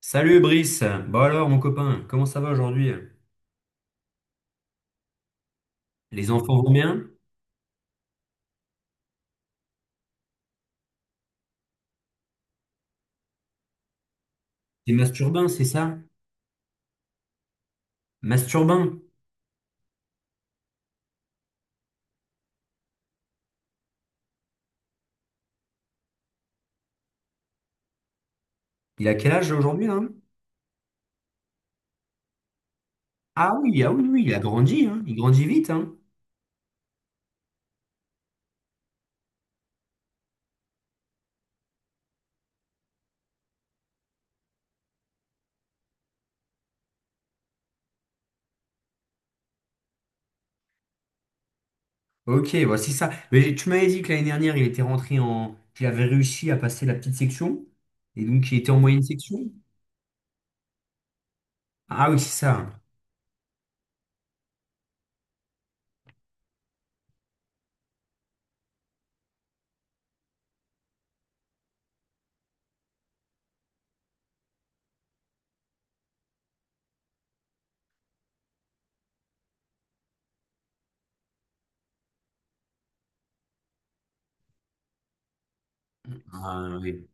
Salut Brice, bon alors mon copain, comment ça va aujourd'hui? Les enfants vont bien? C'est Masturbin, c'est ça? Masturbin, il a quel âge aujourd'hui là? Ah oui, ah oui, oui, il a grandi, hein. Il grandit vite, hein. Ok, voici ça. Mais tu m'avais dit que l'année dernière, il était rentré qu'il avait réussi à passer la petite section, et donc il était en moyenne section? Ah oui, c'est ça. Ah oui.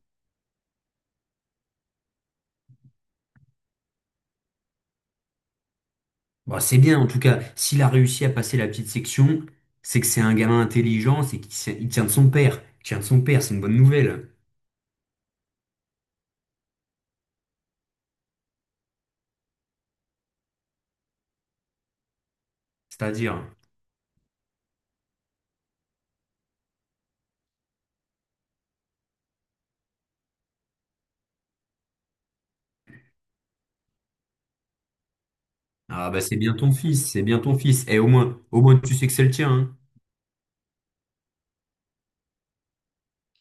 Bon, c'est bien, en tout cas, s'il a réussi à passer la petite section, c'est que c'est un gamin intelligent, c'est il tient de son père. Il tient de son père, c'est une bonne nouvelle. C'est-à-dire, ah bah c'est bien ton fils, c'est bien ton fils. Et au moins tu sais que c'est le tien, hein.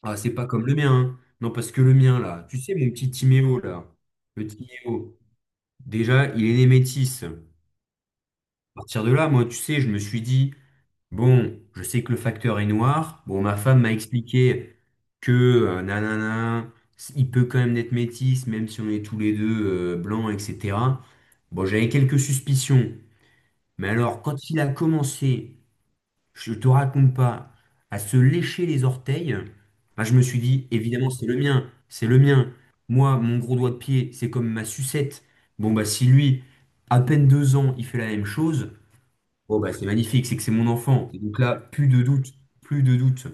Ah, c'est pas comme le mien, hein. Non, parce que le mien, là, tu sais, mon petit Timéo, là, le Timéo, déjà, il est né métis. À partir de là, moi, tu sais, je me suis dit, bon, je sais que le facteur est noir. Bon, ma femme m'a expliqué que, nanana, il peut quand même être métis, même si on est tous les deux, blancs, etc. Bon, j'avais quelques suspicions. Mais alors, quand il a commencé, je te raconte pas, à se lécher les orteils, bah, je me suis dit, évidemment, c'est le mien, c'est le mien. Moi, mon gros doigt de pied, c'est comme ma sucette. Bon, bah, si lui, à peine 2 ans, il fait la même chose, bon, bah, c'est magnifique, c'est que c'est mon enfant. Et donc là, plus de doute, plus de doute.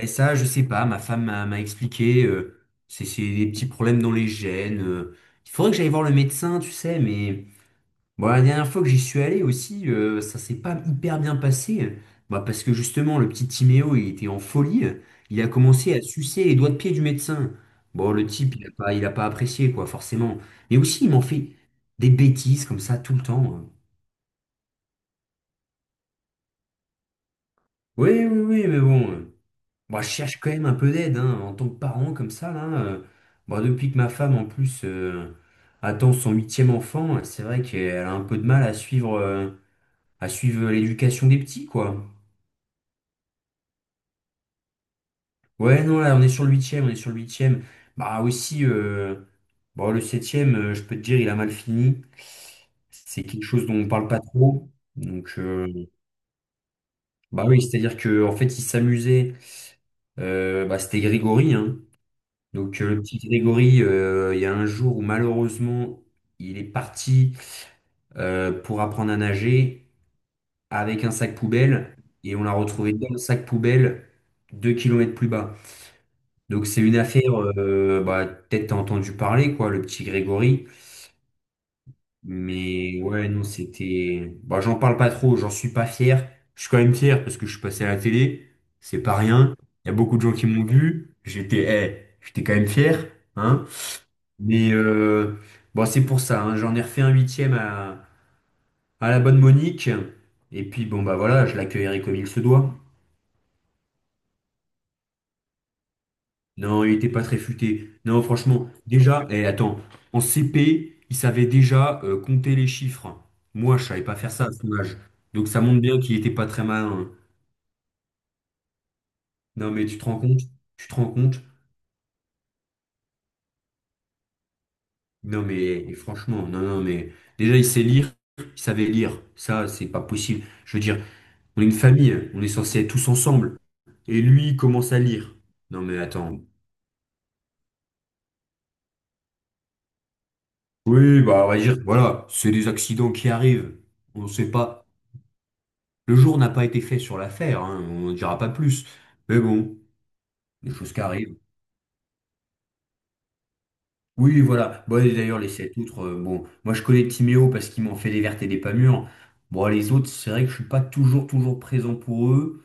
Et ça, je sais pas, ma femme m'a expliqué, c'est des petits problèmes dans les gènes. Il faudrait que j'aille voir le médecin, tu sais, mais. Bon, la dernière fois que j'y suis allé aussi, ça s'est pas hyper bien passé. Bah, parce que justement, le petit Timéo, il était en folie. Il a commencé à sucer les doigts de pied du médecin. Bon, le type, il a pas apprécié, quoi, forcément. Mais aussi, il m'en fait des bêtises comme ça tout le temps, hein. Oui, oui, oui, mais bon. Bah, je cherche quand même un peu d'aide, hein, en tant que parent, comme ça, là. Bah, depuis que ma femme, en plus, attend son huitième enfant, c'est vrai qu'elle a un peu de mal à à suivre l'éducation des petits, quoi. Ouais, non, là, on est sur le huitième, on est sur le huitième. Bah aussi, bon, le septième, je peux te dire, il a mal fini. C'est quelque chose dont on parle pas trop. Donc, bah oui, c'est-à-dire que en fait, il s'amusait. Bah, c'était Grégory, hein. Donc, le petit Grégory, il y a un jour où malheureusement, il est parti pour apprendre à nager avec un sac poubelle et on l'a retrouvé dans le sac poubelle 2 kilomètres plus bas. Donc c'est une affaire, bah, peut-être t'as entendu parler, quoi, le petit Grégory. Mais ouais, non, Bah, j'en parle pas trop, j'en suis pas fier. Je suis quand même fier parce que je suis passé à la télé, c'est pas rien. Il y a beaucoup de gens qui m'ont vu, j'étais quand même fier, hein. Mais bon, c'est pour ça, hein, j'en ai refait un huitième à la bonne Monique. Et puis bon, bah voilà, je l'accueillerai comme il se doit. Non, il était pas très futé. Non, franchement, déjà, attends, en CP, il savait déjà compter les chiffres. Moi, je savais pas faire ça à son âge. Donc ça montre bien qu'il était pas très malin, hein. Non, mais tu te rends compte? Tu te rends compte? Non, mais et franchement, non, non, mais déjà, il sait lire, il savait lire. Ça, c'est pas possible. Je veux dire, on est une famille, on est censé être tous ensemble. Et lui, il commence à lire. Non, mais attends. Oui, bah, on va dire, voilà, c'est des accidents qui arrivent. On sait pas. Le jour n'a pas été fait sur l'affaire, hein, on ne dira pas plus. Mais bon, des choses qui arrivent. Oui, voilà. Bon, et d'ailleurs, les sept autres, bon, moi je connais Timéo parce qu'il m'en fait des vertes et des pas mûres. Bon, les autres, c'est vrai que je suis pas toujours, toujours présent pour eux.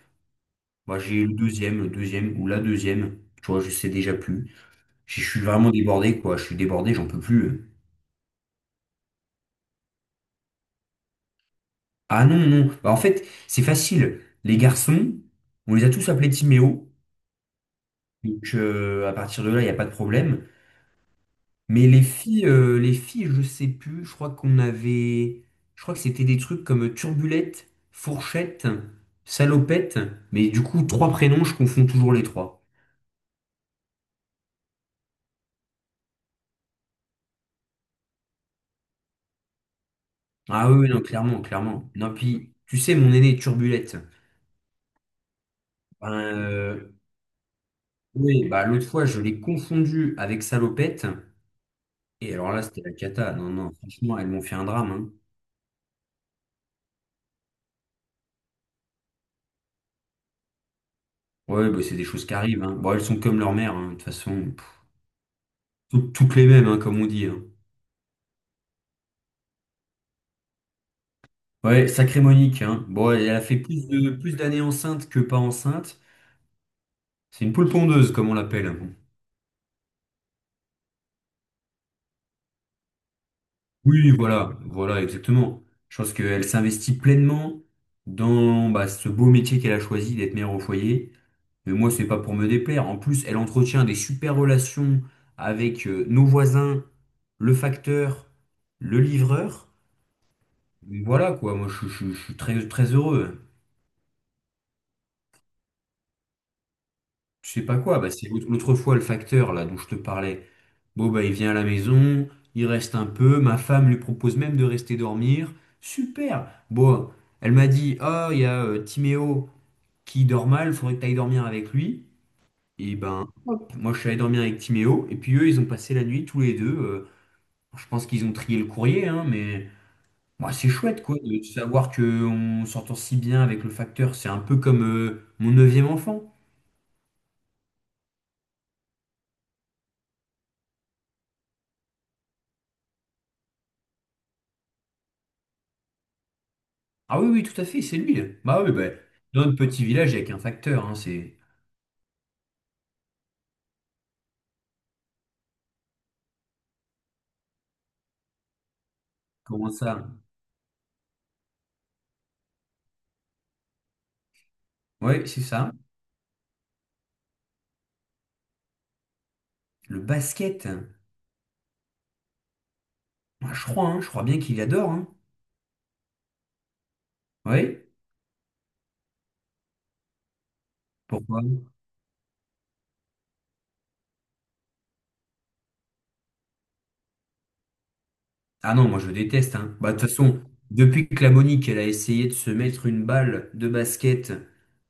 Moi, j'ai le deuxième ou la deuxième. Tu vois, je sais déjà plus. Je suis vraiment débordé, quoi. Je suis débordé, j'en peux plus. Ah non, non. Bah, en fait, c'est facile. Les garçons, on les a tous appelés Timéo. Donc, à partir de là, il n'y a pas de problème. Mais les filles, je sais plus. Je crois que c'était des trucs comme Turbulette, Fourchette, Salopette. Mais du coup, trois prénoms, je confonds toujours les trois. Ah oui, oui, non, clairement, clairement. Non, puis tu sais, mon aîné Turbulette. Ben, euh, oui, bah l'autre fois, je l'ai confondu avec Salopette. Et alors là, c'était la cata. Non, non, franchement, elles m'ont fait un drame, hein. Ouais, bah, c'est des choses qui arrivent, hein. Bon, elles sont comme leur mère, hein, de toute façon. Pff, toutes les mêmes, hein, comme on dit, hein. Ouais, sacrée Monique, hein. Bon, elle a fait plus d'années enceinte que pas enceinte. C'est une poule pondeuse, comme on l'appelle. Oui, voilà, voilà, exactement. Je pense qu'elle s'investit pleinement dans ce beau métier qu'elle a choisi d'être mère au foyer. Mais moi, c'est pas pour me déplaire. En plus, elle entretient des super relations avec nos voisins, le facteur, le livreur. Voilà quoi, moi je suis très, très heureux. Je sais pas quoi, bah, c'est l'autre fois le facteur là dont je te parlais. Bon, bah, il vient à la maison, il reste un peu, ma femme lui propose même de rester dormir. Super! Bon, elle m'a dit, oh, il y a Timéo qui dort mal, faudrait que tu ailles dormir avec lui. Et ben, hop, moi je suis allé dormir avec Timéo, et puis eux, ils ont passé la nuit tous les deux. Je pense qu'ils ont trié le courrier, hein, mais moi c'est chouette, quoi, de savoir qu'on s'entend si bien avec le facteur. C'est un peu comme mon neuvième enfant. Ah oui, oui, tout à fait, c'est lui. Bah oui, bah, dans notre petit village, il n'y a qu'un facteur, hein. Comment ça? Oui, c'est ça. Le basket, moi, je crois, hein, je crois bien qu'il adore, hein. Oui, pourquoi? Ah non, moi je déteste, hein. Bah, de toute façon, depuis que la Monique, elle a essayé de se mettre une balle de basket,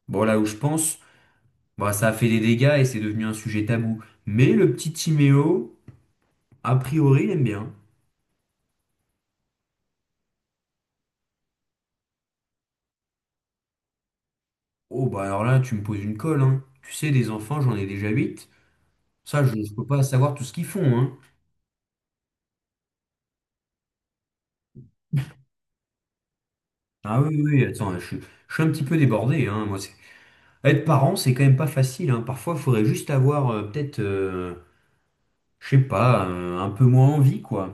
bon là où je pense, bah, ça a fait des dégâts et c'est devenu un sujet tabou. Mais le petit Timéo, a priori, il aime bien. Oh bah alors là, tu me poses une colle, hein. Tu sais, des enfants, j'en ai déjà huit. Ça, je ne peux pas savoir tout ce qu'ils font, hein. Ah oui, oui, oui, attends, je suis un petit peu débordé, hein. Moi, c'est Être parent, c'est quand même pas facile, hein. Parfois, il faudrait juste avoir peut-être, je sais pas, un peu moins envie, quoi.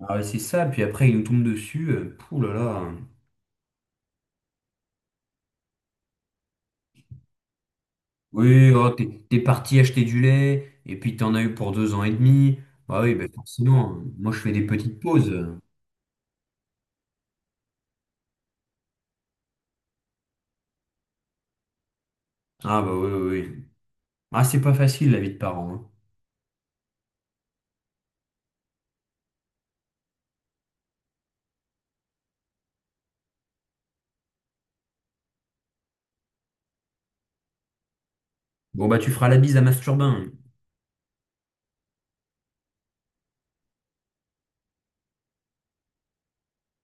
Ah, ouais, c'est ça, puis après, il nous tombe dessus. Pouh là là. Oui, oh, t'es parti acheter du lait, et puis t'en as eu pour 2 ans et demi. Bah oui, bah forcément, moi je fais des petites pauses. Ah bah oui, oui, oui. Ah, c'est pas facile la vie de parent, hein. Bon bah tu feras la bise à Masturbin.